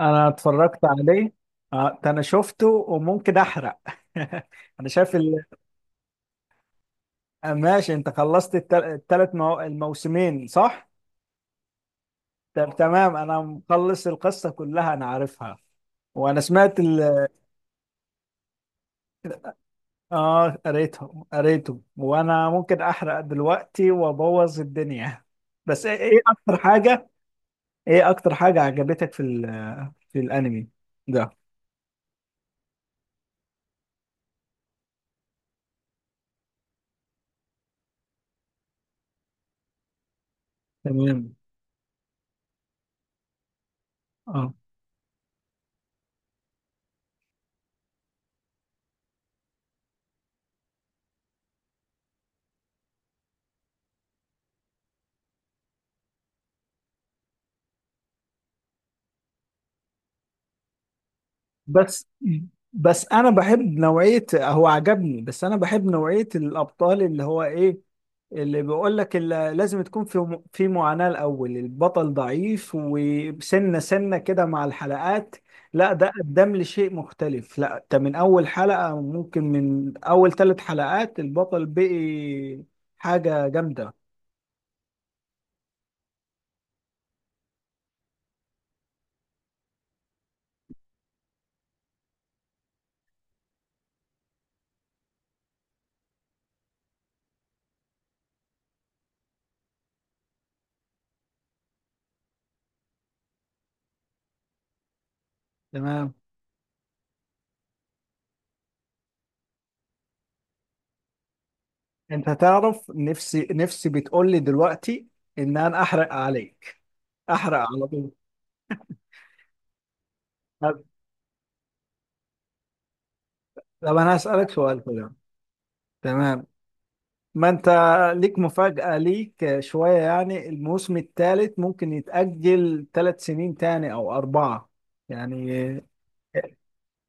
انا اتفرجت عليه. اه، ده انا شفته وممكن احرق. انا شايف ال... آه، ماشي، انت خلصت الموسمين صح؟ طب تمام، انا مخلص القصة كلها، انا عارفها. وانا سمعت ال... اه قريته وانا ممكن احرق دلوقتي وابوظ الدنيا. بس ايه، اكتر حاجة؟ ايه اكتر حاجة عجبتك في ال... في الانمي ده؟ تمام. اه بس بس انا بحب نوعيه هو عجبني، بس انا بحب نوعيه الابطال اللي هو ايه، اللي بيقول لك اللي لازم تكون في في معاناه الاول، البطل ضعيف وسنه سنه كده مع الحلقات. لا ده قدم لي شيء مختلف، لا ده من اول حلقه، ممكن من اول 3 حلقات البطل بقي حاجه جامده. تمام. انت تعرف نفسي بتقول لي دلوقتي ان انا احرق عليك، احرق على طول. طب انا هسألك سؤال كده. تمام، ما انت ليك مفاجأة، ليك شوية يعني، الموسم الثالث ممكن يتأجل 3 سنين تاني او اربعة. يعني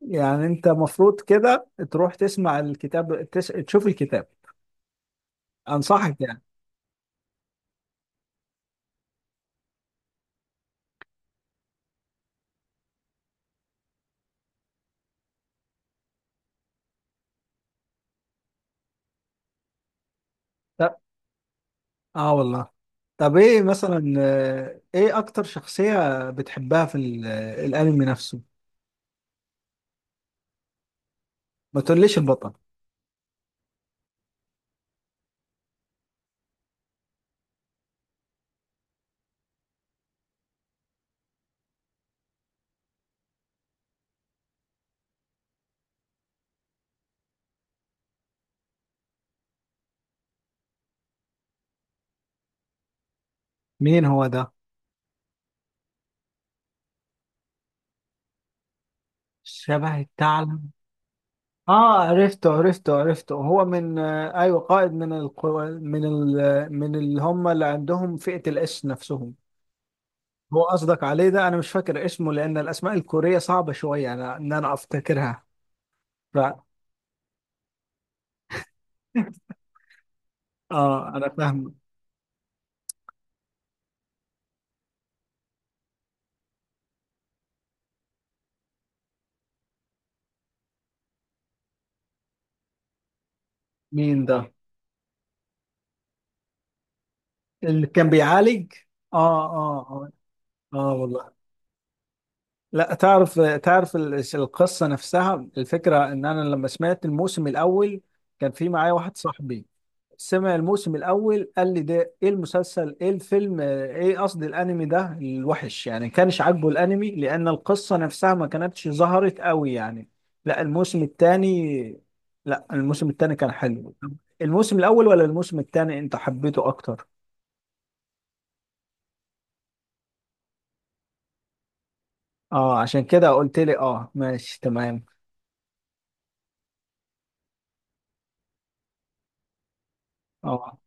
يعني انت مفروض كده تروح تسمع الكتاب، تشوف الكتاب، انصحك يعني. طب اه والله. طب ايه مثلا، ايه اكتر شخصية بتحبها في الانمي نفسه؟ ما تقوليش البطل. مين هو ده؟ شبه الثعلب؟ اه عرفته عرفته، هو من آه ايوه قائد من القوى، من ال من اللي هم اللي عندهم فئة الاس نفسهم. هو قصدك عليه ده، انا مش فاكر اسمه لان الاسماء الكورية صعبة شوية، انا افتكرها. ف اه انا فاهم. مين ده؟ اللي كان بيعالج؟ اه اه اه. اه والله. لا تعرف، تعرف القصة نفسها؟ الفكرة ان انا لما سمعت الموسم الاول كان في معايا واحد صاحبي، سمع الموسم الاول قال لي ده ايه المسلسل، ايه الفيلم، ايه قصدي الانمي ده الوحش، يعني كانش عاجبه الانمي لان القصه نفسها ما كانتش ظهرت قوي يعني. لا الموسم الثاني، لا الموسم الثاني كان حلو. الموسم الاول ولا الموسم الثاني انت حبيته اكتر؟ اه عشان كده قلت لي اه ماشي تمام. اه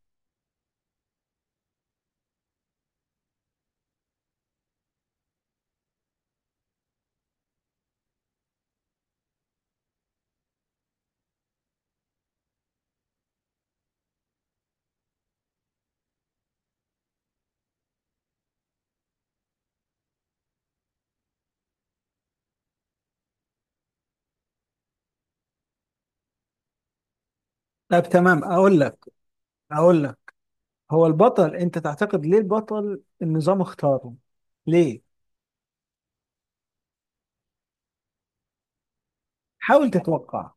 طب تمام اقول لك، اقول لك. هو البطل انت تعتقد ليه البطل النظام اختاره؟ ليه؟ حاول تتوقع.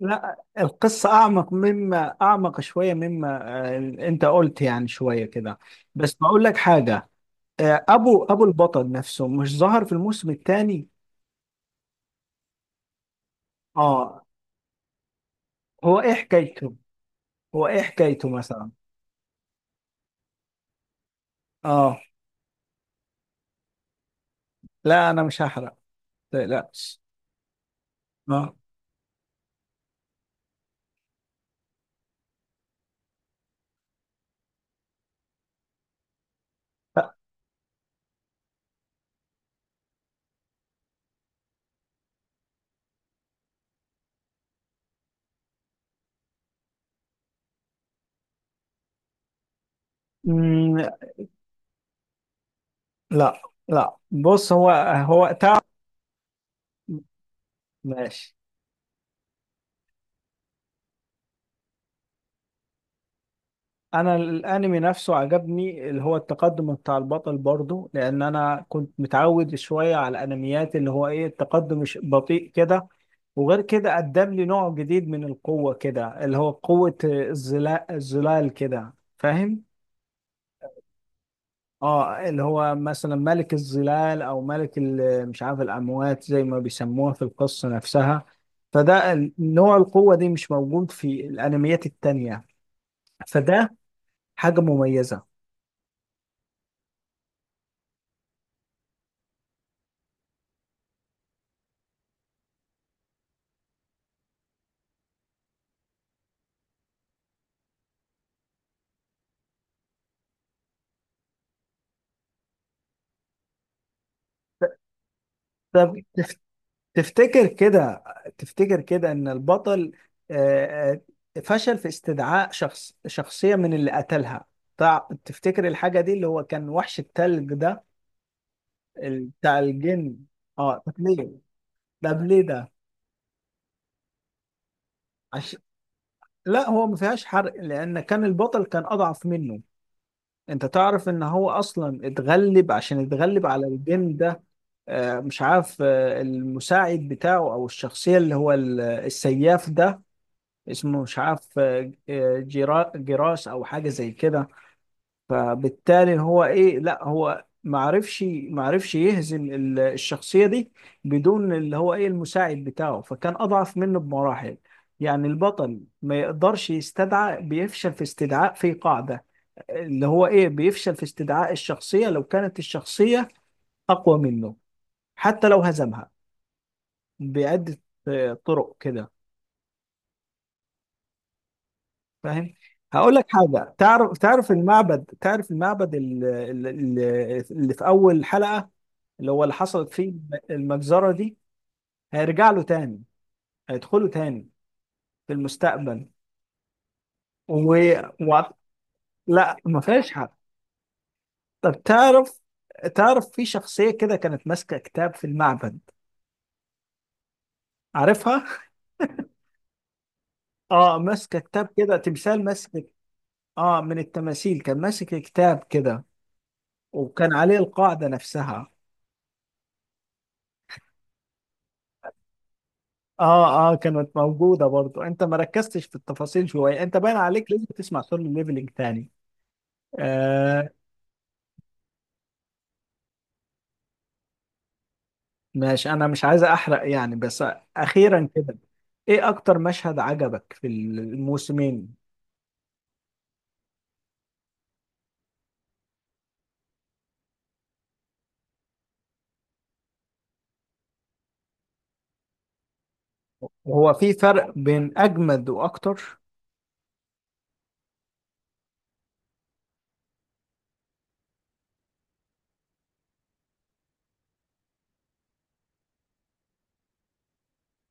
لا القصة أعمق، أعمق شوية مما آه، أنت قلت يعني شوية كده. بس بقول لك حاجة، آه، أبو البطل نفسه مش ظهر في الموسم الثاني؟ آه. هو إيه حكايته؟ هو إيه حكايته مثلا؟ آه. لا أنا مش هحرق، متقلقش. آه. أمم، لا لا، بص هو هو تعب. ماشي. انا الانمي نفسه عجبني، اللي هو التقدم بتاع البطل، برضه لان انا كنت متعود شويه على الانميات اللي هو ايه التقدم مش بطيء كده. وغير كده قدم لي نوع جديد من القوه كده، اللي هو قوه الظلال، الظلال كده، فاهم؟ اه اللي هو مثلا ملك الظلال او ملك مش عارف الاموات زي ما بيسموها في القصه نفسها. فده نوع القوه دي مش موجود في الانميات التانيه، فده حاجه مميزه. طب تفتكر كده، تفتكر كده ان البطل آه، فشل في استدعاء شخصية من اللي قتلها؟ تفتكر الحاجة دي اللي هو كان وحش التلج ده، بتاع الجن؟ اه طب ليه؟ طب ليه ده؟ عش... لا هو ما فيهاش حرق لان كان البطل كان اضعف منه. انت تعرف ان هو اصلا اتغلب عشان يتغلب على الجن ده، آه، مش عارف، آه، المساعد بتاعه او الشخصية اللي هو السياف ده، اسمه مش عارف، جراس او حاجه زي كده. فبالتالي هو ايه، لا هو ما عرفش، ما عرفش يهزم الشخصيه دي بدون اللي هو ايه المساعد بتاعه، فكان اضعف منه بمراحل. يعني البطل ما يقدرش يستدعى، بيفشل في استدعاء، في قاعده اللي هو ايه بيفشل في استدعاء الشخصيه لو كانت الشخصيه اقوى منه، حتى لو هزمها بعده، آه، طرق كده، فاهم؟ هقول لك حاجه، تعرف، تعرف المعبد، تعرف المعبد اللي في اول حلقه، اللي هو اللي حصلت فيه المجزره دي؟ هيرجع له تاني، هيدخله تاني في المستقبل. و... و... لا ما فيهاش حد. طب تعرف، تعرف في شخصيه كده كانت ماسكه كتاب في المعبد؟ عارفها؟ اه ماسكه كتاب كده، تمثال ماسك. اه من التماثيل كان ماسك كتاب كده، وكان عليه القاعده نفسها. اه كانت موجودة برضو، انت ما ركزتش في التفاصيل شوية، انت باين عليك لازم تسمع سولو ليفلينج تاني. آه ماشي انا مش عايز احرق يعني بس. اخيرا كده، ايه اكتر مشهد عجبك في الموسمين؟ وهو في فرق بين اجمد واكتر؟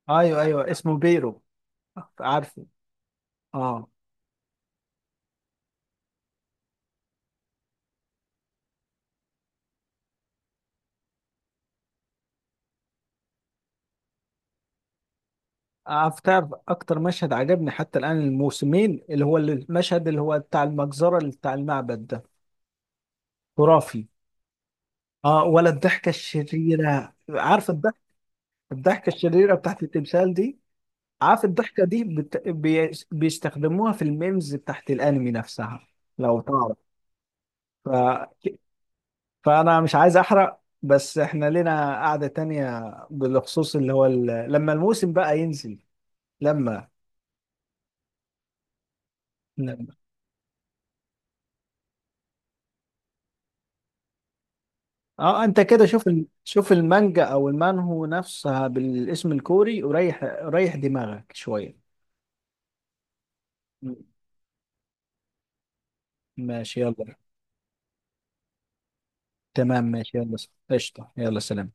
ايوه ايوه اسمه بيرو، عارفه؟ اه. عارف، تعرف اكتر مشهد عجبني حتى الان الموسمين؟ اللي هو المشهد اللي هو بتاع المجزرة اللي بتاع المعبد ده، خرافي. اه ولا الضحكة الشريرة، عارف؟ الضحكة الشريرة بتاعت التمثال دي. عارف الضحكة دي بيستخدموها في الميمز بتاعت الأنمي نفسها لو تعرف؟ ف... فأنا مش عايز أحرق بس إحنا لنا قعدة تانية، بالخصوص اللي هو ال... لما الموسم بقى ينزل. لما لما اه انت كده شوف ال... شوف المانجا او المانهو نفسها بالاسم الكوري، وريح دماغك شوية. م- ماشي يلا. تمام ماشي يلا. قشطة، يلا سلام.